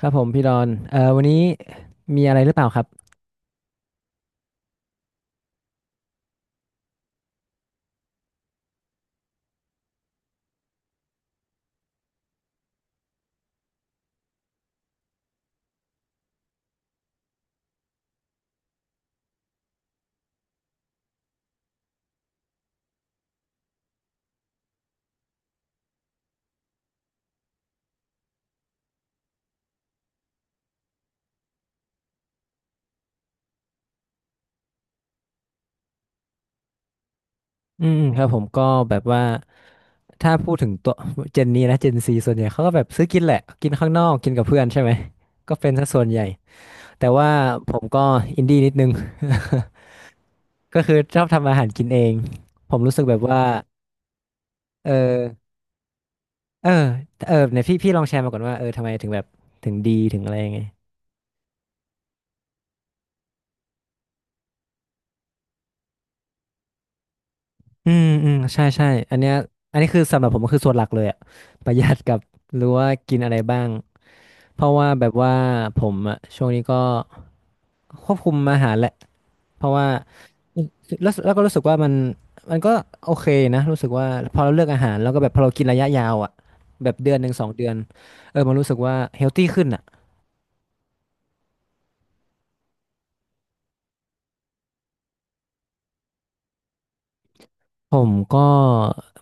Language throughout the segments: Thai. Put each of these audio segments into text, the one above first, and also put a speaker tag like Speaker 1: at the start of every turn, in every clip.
Speaker 1: ครับผมพี่ดอนวันนี้มีอะไรหรือเปล่าครับอืมอืมครับผมก็แบบว่าถ้าพูดถึงตัวเจนนี้นะเจนซีส่วนใหญ่เขาก็แบบซื้อกินแหละกินข้างนอกกินกับเพื่อนใช่ไหมก็เป็นส่วนใหญ่แต่ว่าผมก็อินดี้นิดนึง ก็คือชอบทำอาหารกินเองผมรู้สึกแบบว่าเออเออเออเนี่ยพี่ลองแชร์มาก่อนว่าเออทำไมถึงแบบถึงดีถึงอะไรยังไงอืมอืมใช่ใช่อันเนี้ยอันนี้คือสำหรับผมก็คือส่วนหลักเลยอะประหยัดกับรู้ว่ากินอะไรบ้าง เพราะว่าแบบว่าผมอะช่วงนี้ก็ควบคุมอาหารแหละเพราะว่าแล้วก็รู้สึกว่ามันก็โอเคนะรู้สึกว่าพอเราเลือกอาหารแล้วก็แบบพอเรากินระยะยาวอะแบบเดือนหนึ่ง2 เดือนเออมันรู้สึกว่าเฮลตี้ขึ้นอะผมก็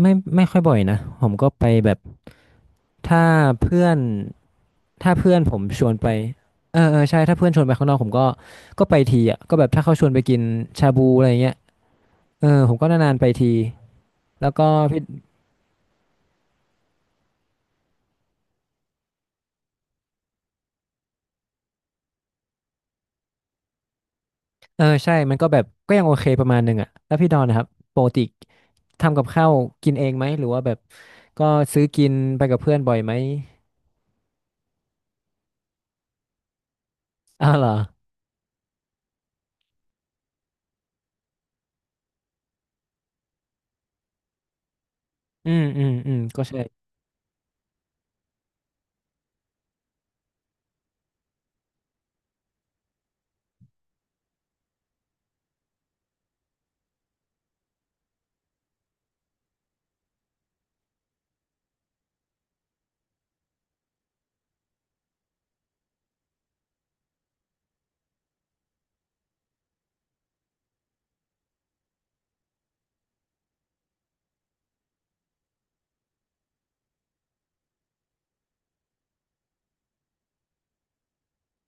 Speaker 1: ไม่ค่อยบ่อยนะผมก็ไปแบบถ้าเพื่อนถ้าเพื่อนผมชวนไปเออเออใช่ถ้าเพื่อนชวนไปข้างนอกผมก็ก็ไปทีอ่ะก็แบบถ้าเขาชวนไปกินชาบูอะไรเงี้ยเออผมก็นานๆไปทีแล้วก็พี่ เออใช่มันก็แบบก็ยังโอเคประมาณหนึ่งอ่ะแล้วพี่ดอนนะครับปกติทำกับข้าวกินเองไหมหรือว่าแบบก็ซื้อกินไปกับเพื่อนบ่อยไหมอ้าวเหรออืมอืมอืมก็ใช่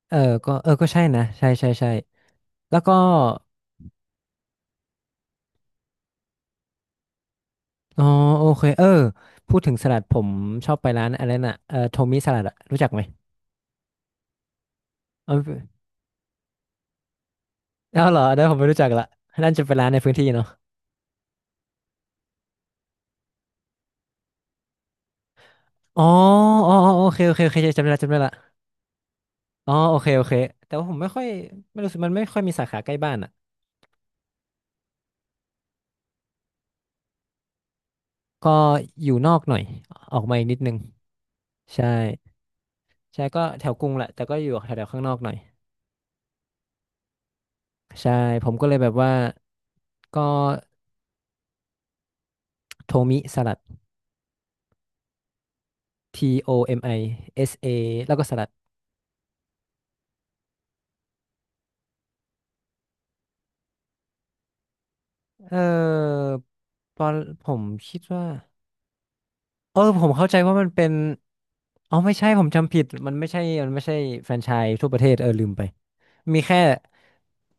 Speaker 1: เออเออก็ใช่นะใช่ใช่ใช่แล้วก็อ๋อโอเคเออพูดถึงสลัดผมชอบไปร้านอะไรน่ะเออโทมิสลัดอะรู้จักไหมเออเอาเหรอเดี๋ยวผมไม่รู้จักละนั่นจะเป็นร้านในพื้นที่เนาะอ๋ออ๋ออ๋อโอเคโอเคโอเคจำได้ละจำได้ละอ๋อโอเคโอเคแต่ว่าผมไม่ค่อยไม่รู้สึกมันไม่ค่อยมีสาขาใกล้บ้านอะ ก็อยู่นอกหน่อยออกมาอีกนิดนึงใช่ใช่ก็แถวกรุงแหละแต่ก็อยู่แถวๆข้างนอกหน่อยใช่ผมก็เลยแบบว่าก็โทมิสลัด TOMISA แล้วก็สลัดเออตอนผมคิดว่าเออผมเข้าใจว่ามันเป็นอ๋อไม่ใช่ผมจำผิดมันไม่ใช่แฟรนไชส์ทั่วประเทศเออลืมไปมีแค่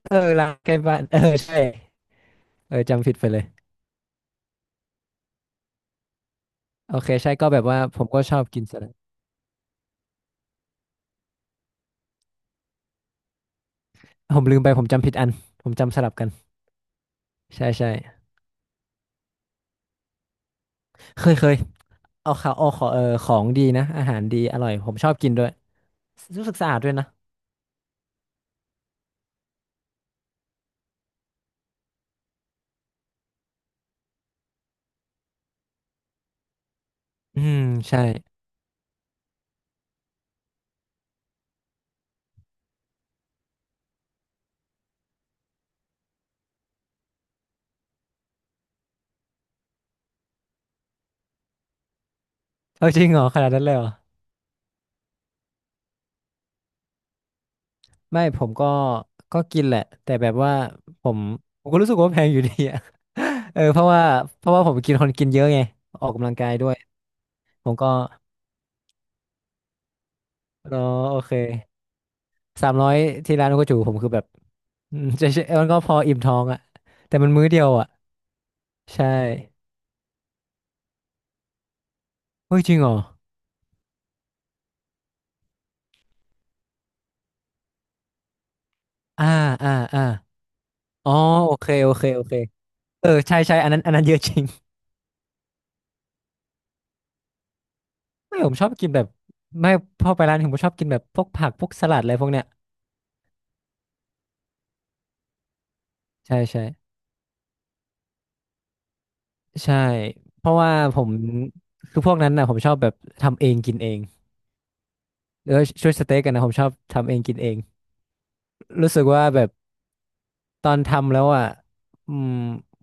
Speaker 1: เออร้านใกล้บ้านเออใช่เออจำผิดไปเลยโอเคใช่ก็แบบว่าผมก็ชอบกินสลัด ผมลืมไปผมจำผิดอันผมจำสลับกันใช่ใช่เคยเคยเอาข่าวเอาขอเออของดีนะอาหารดีอร่อยผมชอบกินด้วยรู้สึกสะอาดด้วยนะอืมใช่เอาจริงเหรอขนาดนั้นเลยเหรอไม่ผมก็กินแหละแต่แบบว่าผมผมก็รู้สึกว่าแพงอยู่ดีอะ เออเพราะว่าเพราะว่าผมกินคนกินเยอะไงออกกำลังกายด้วยผมก็อ๋อโอเค300ที่ร้านโอกจูผมคือแบบอืมใช่ใช่มันก็พออิ่มท้องอะแต่มันมื้อเดียวอะใช่เฮ้ยจริงเหรอ อ่าอ่าอ่าอ๋อโอเคโอเคโอเคเออใช่ใช่อันนั้นอันนั้นเยอะจริง ไม่ผมชอบกินแบบไม่พอไปร้านผมชอบกินแบบพวกผักพวกสลัดอะไรพวกเนี้ยใช่ใช่ใช่เพราะว่าผมคือพวกนั้นน่ะผมชอบแบบทำเองกินเองแล้วช่วยสเต็กกันนะผมชอบทำเองกินเองรู้สึกว่าแบบตอนทำแล้วอ่ะอืม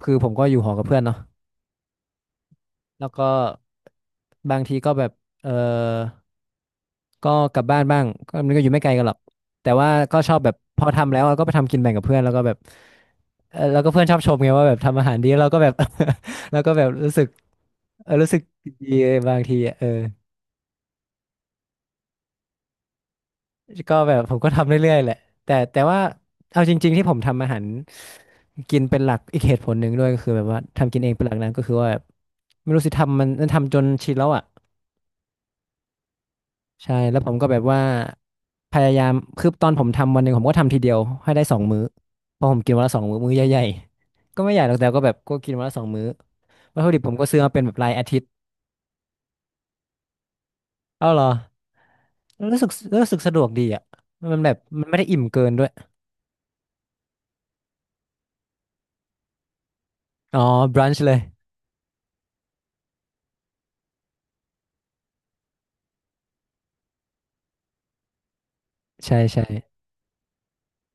Speaker 1: คือผมก็อยู่หอ กับเพื่อนเนาะแล้วก็บางทีก็แบบเออ ก็กลับบ้านบ้างก็มันก็อยู่ไม่ไกลกันหรอกแต่ว่าก็ชอบแบบพอทำแล้วอะก็ไปทำกินแบ่งกับเพื่อนแล้วก็แบบเออแล้วก็เพื่อนชอบชมไงว่าแบบทำอาหารดีแล้วเราก็แบบ แล้วก็แบบรู้สึกดีบางทีอะเออก็แบบผมก็ทำเรื่อยๆแหละแต่ว่าเอาจริงๆที่ผมทำอาหารกินเป็นหลักอีกเหตุผลหนึ่งด้วยก็คือแบบว่าทำกินเองเป็นหลักนั้นก็คือว่าแบบไม่รู้สิทำมันทำจนชินแล้วอ่ะ ใช่แล้วผมก็แบบว่าพยายามคือตอนผมทำวันหนึ่งผมก็ทำทีเดียวให้ได้สองมื้อเพราะผมกินวันละสองมื้อมื้อใหญ่ๆ ก็ไม่ใหญ่หรอกแต่ก็แบบก็กินวันละสองมื้อวัตถุดิบผมก็ซื้อมาเป็นแบบรายอาทิตย์เอ้าเหรอรู้สึกรู้สึกสะดวกดีอ่ะมันแบบมันไม่ได้อิ่มเกินด้วยอ๋อบรันช์เลยใช่ใช่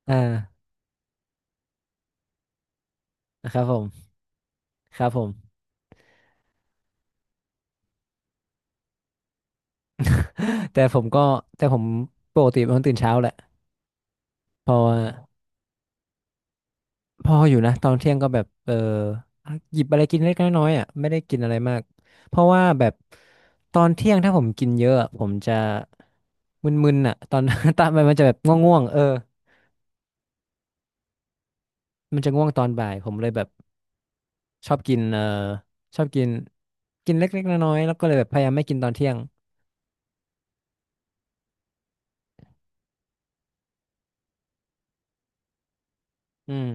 Speaker 1: อ่านะครับผมครับผม แต่ผมก็แต่ผมปกติเป็นคนตื่นเช้าแหละเพราะว่า พออยู่นะตอนเที่ยงก็แบบเออหยิบอะไรกินเล็กน้อยๆอ่ะไม่ได้กินอะไรมากเพราะว่าแบบตอนเที่ยงถ้าผมกินเยอะอะผมจะมึนๆอ่ะตอน ตอนมันจะแบบง่วงๆเออมันจะง่วงตอนบ่ายผมเลยแบบชอบกินเออชอบกินกินเล็กๆน้อยๆแล้วก็เลยแบบพยายามไม่กินตอนเที่ยงอืม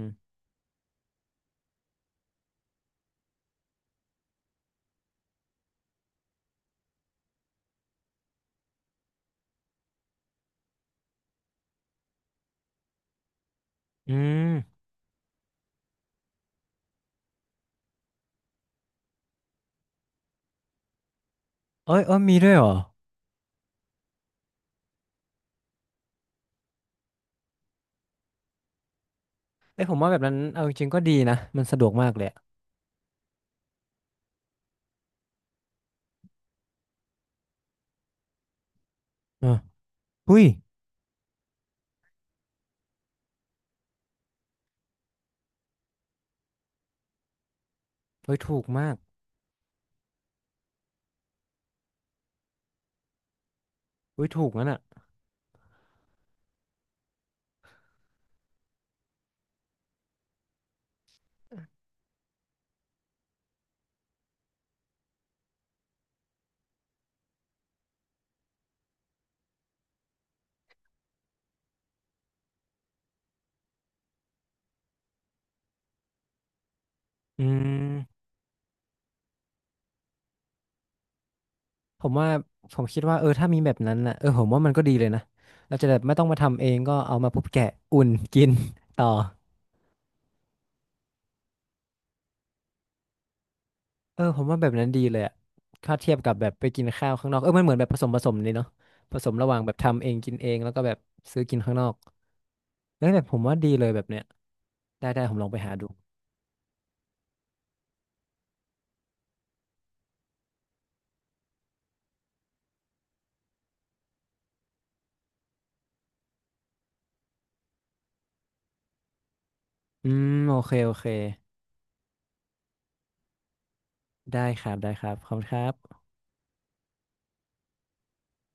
Speaker 1: อืมเอ้ยเอ้ยมีด้วยเหรอเอ้ยผมว่าแบบนั้นเอาจริงๆก็ดีนะมันสะดวกมากเลยอะอ่ะอุ้ยเฮ้ยถูกมากอุ้ยถูกงั้นอ่ะอืม ผมว่าผมคิดว่าเออถ้ามีแบบนั้นนะเออผมว่ามันก็ดีเลยนะเราจะแบบไม่ต้องมาทำเองก็เอามาปุ๊บแกะอุ่นกิน ต่อเออผมว่าแบบนั้นดีเลยอะถ้าเทียบกับแบบไปกินข้าวข้างนอกเออมันเหมือนแบบผสมผสมเลยเนาะผสมระหว่างแบบทำเองกินเองแล้วก็แบบซื้อกินข้างนอกเออแบบผมว่าดีเลยแบบเนี้ยได้ได้ผมลองไปหาดูอืมโอเคโอเคได้ครับได้ครับขอบคุณครับ